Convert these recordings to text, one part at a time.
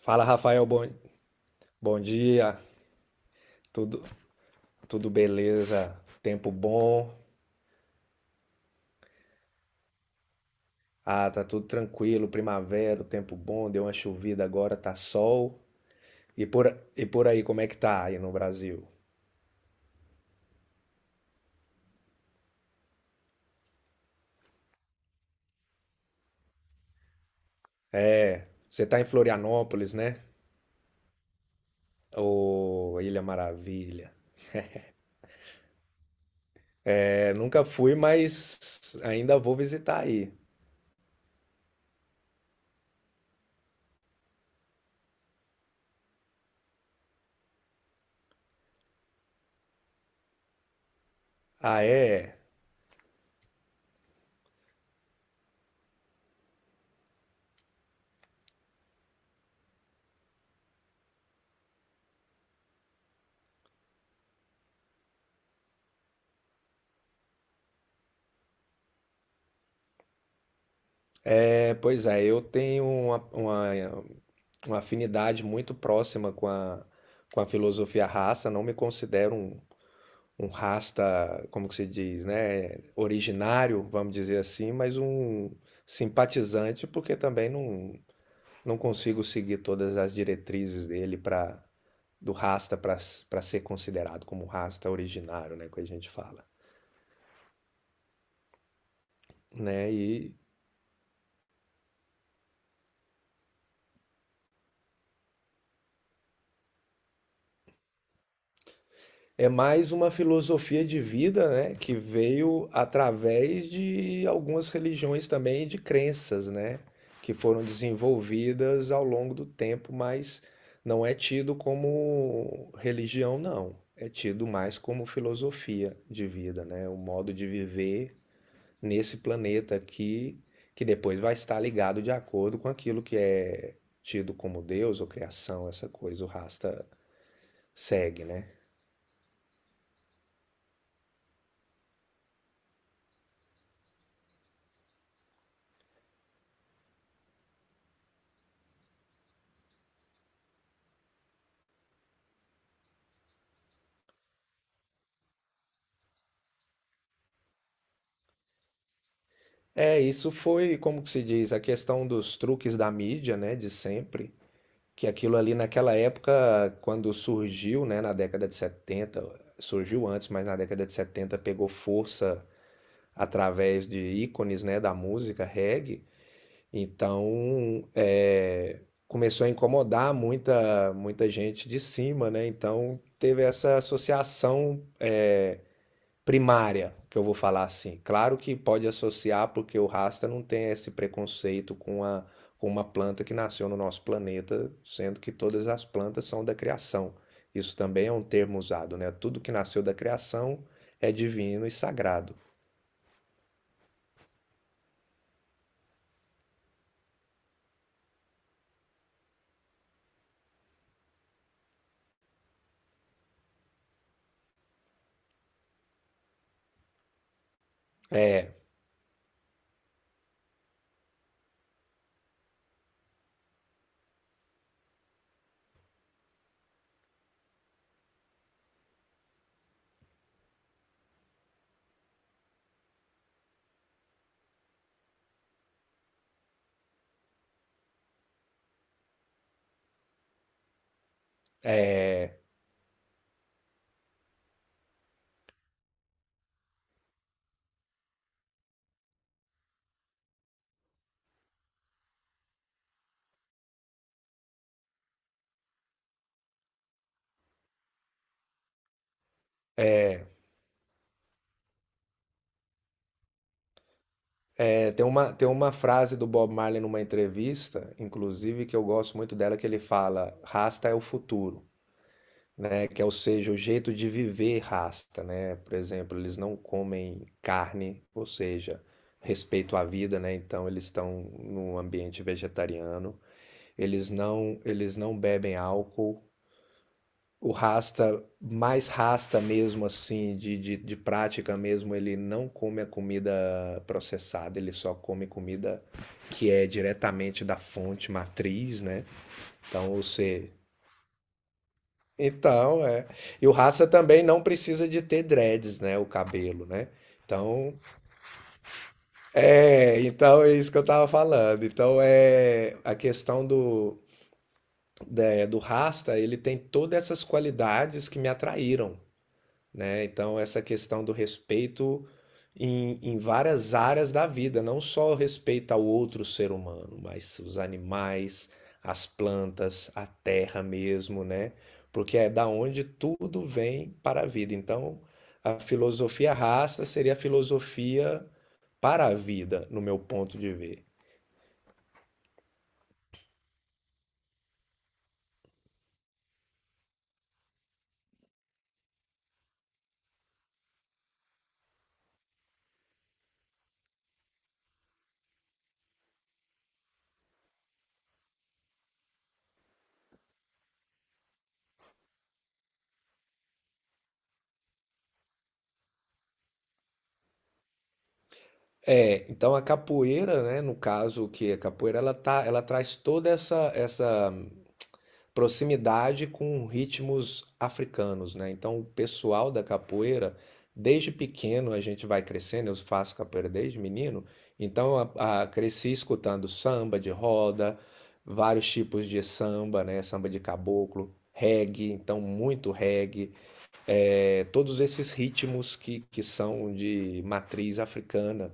Fala, Rafael, bom dia. Tudo, tudo beleza? Tempo bom? Ah, tá tudo tranquilo, primavera, o tempo bom, deu uma chovida agora, tá sol. E por, e por aí, como é que tá aí no Brasil? É, você tá em Florianópolis, né? Ô, Ilha Maravilha. É, nunca fui, mas ainda vou visitar aí. Ah, é? É, pois é, eu tenho uma afinidade muito próxima com com a filosofia raça, não me considero um rasta, como que se diz, né, originário, vamos dizer assim, mas um simpatizante, porque também não, não consigo seguir todas as diretrizes dele para do rasta para para ser considerado como rasta originário, né, que a gente fala, né? É mais uma filosofia de vida, né, que veio através de algumas religiões também, de crenças, né, que foram desenvolvidas ao longo do tempo, mas não é tido como religião, não. É tido mais como filosofia de vida, né, o modo de viver nesse planeta aqui, que depois vai estar ligado de acordo com aquilo que é tido como Deus ou criação, essa coisa, o Rasta segue, né? É, isso foi, como que se diz, a questão dos truques da mídia, né, de sempre, que aquilo ali naquela época, quando surgiu, né, na década de setenta, surgiu antes, mas na década de 70 pegou força através de ícones, né, da música reggae, então é, começou a incomodar muita gente de cima, né, então teve essa associação, é, primária, que eu vou falar assim. Claro que pode associar, porque o Rasta não tem esse preconceito com com uma planta que nasceu no nosso planeta, sendo que todas as plantas são da criação. Isso também é um termo usado, né? Tudo que nasceu da criação é divino e sagrado. É, é, é, é. Tem uma frase do Bob Marley numa entrevista, inclusive, que eu gosto muito dela, que ele fala: Rasta é o futuro. Né? Que é, ou seja, o jeito de viver rasta, né? Por exemplo, eles não comem carne, ou seja, respeito à vida, né? Então eles estão num ambiente vegetariano. Eles não bebem álcool. O rasta, mais rasta mesmo assim, de prática mesmo, ele não come a comida processada, ele só come comida que é diretamente da fonte matriz, né? Então, ou seja, Então, é. E o Raça também não precisa de ter dreads, né? O cabelo, né? Então, então é isso que eu tava falando. Então, é a questão do Rasta, ele tem todas essas qualidades que me atraíram, né? Então, essa questão do respeito em várias áreas da vida, não só o respeito ao outro ser humano, mas os animais, as plantas, a terra mesmo, né? Porque é da onde tudo vem para a vida. Então, a filosofia rasta seria a filosofia para a vida, no meu ponto de ver. É, então a capoeira, né, no caso que a capoeira ela tá, ela traz toda essa proximidade com ritmos africanos, né? Então, o pessoal da capoeira, desde pequeno a gente vai crescendo, eu faço capoeira desde menino, então cresci escutando samba de roda, vários tipos de samba, né? Samba de caboclo, reggae, então muito reggae, é, todos esses ritmos que são de matriz africana.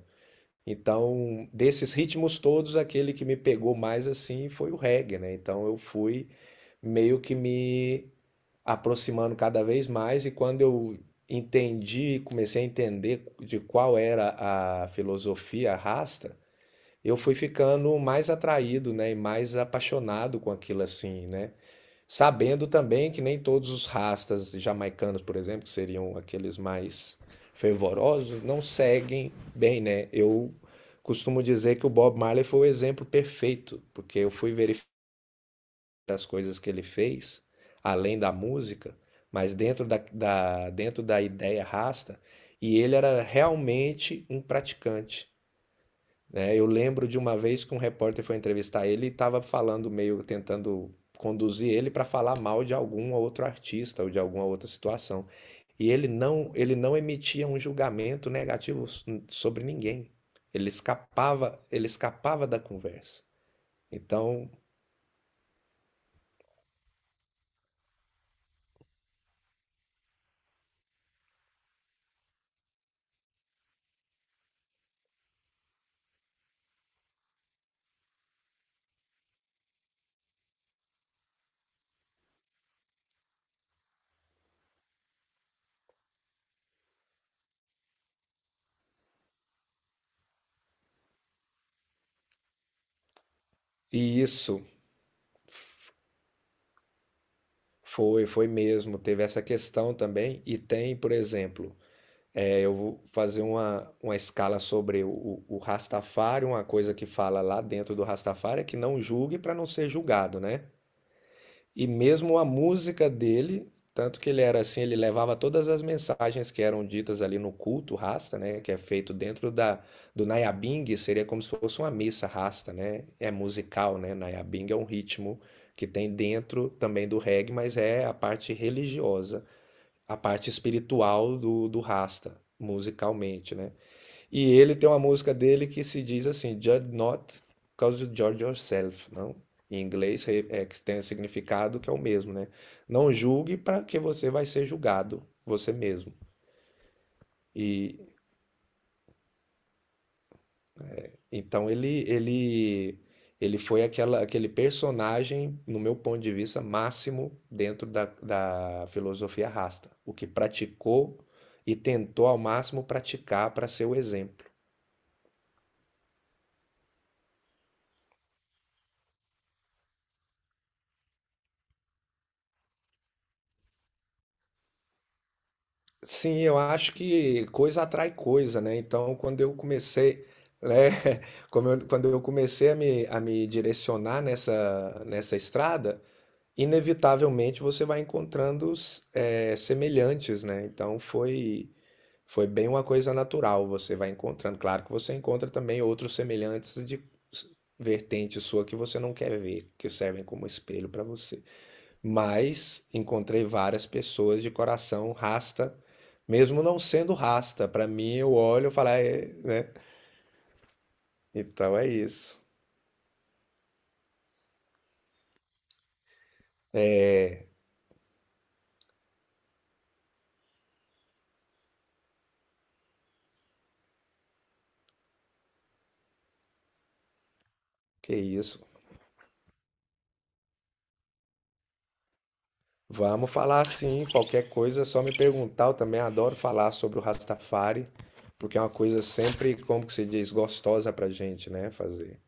Então, desses ritmos todos, aquele que me pegou mais assim foi o reggae, né? Então eu fui meio que me aproximando cada vez mais e quando eu entendi, comecei a entender de qual era a filosofia rasta, eu fui ficando mais atraído, né, e mais apaixonado com aquilo assim, né? Sabendo também que nem todos os rastas jamaicanos, por exemplo, que seriam aqueles mais fervorosos, não seguem bem, né? Eu costumo dizer que o Bob Marley foi o exemplo perfeito, porque eu fui verificar as coisas que ele fez, além da música, mas dentro dentro da ideia rasta, e ele era realmente um praticante, né? Eu lembro de uma vez que um repórter foi entrevistar ele e estava falando meio tentando conduzir ele para falar mal de algum outro artista ou de alguma outra situação. E ele não emitia um julgamento negativo sobre ninguém. Ele escapava da conversa. Então, e isso foi, foi mesmo, teve essa questão também e tem, por exemplo, é, eu vou fazer uma escala sobre Rastafari, uma coisa que fala lá dentro do Rastafari é que não julgue para não ser julgado, né? E mesmo a música dele, tanto que ele era assim, ele levava todas as mensagens que eram ditas ali no culto Rasta, né? Que é feito dentro do Nayabing, seria como se fosse uma missa Rasta, né? É musical, né? Nayabing é um ritmo que tem dentro também do reggae, mas é a parte religiosa, a parte espiritual do Rasta, musicalmente, né? E ele tem uma música dele que se diz assim, Judge not, cause you judge yourself, não? Em inglês que tem significado que é o mesmo, né? Não julgue para que você vai ser julgado, você mesmo. E então ele foi aquela, aquele personagem, no meu ponto de vista, máximo dentro da filosofia rasta, o que praticou e tentou ao máximo praticar para ser o exemplo. Sim, eu acho que coisa atrai coisa, né? Então, quando eu comecei, né? Quando eu comecei a a me direcionar nessa estrada, inevitavelmente você vai encontrando semelhantes, né? Então, foi, foi bem uma coisa natural, você vai encontrando. Claro que você encontra também outros semelhantes s- vertente sua que você não quer ver, que servem como espelho para você. Mas encontrei várias pessoas de coração rasta, mesmo não sendo rasta. Para mim, eu olho e falo, "Ah, é, né? Então é isso." Que isso. Vamos falar sim. Qualquer coisa é só me perguntar. Eu também adoro falar sobre o Rastafari, porque é uma coisa sempre, como que se diz, gostosa pra gente, né? Fazer.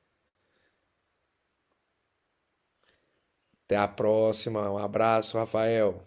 Até a próxima. Um abraço, Rafael.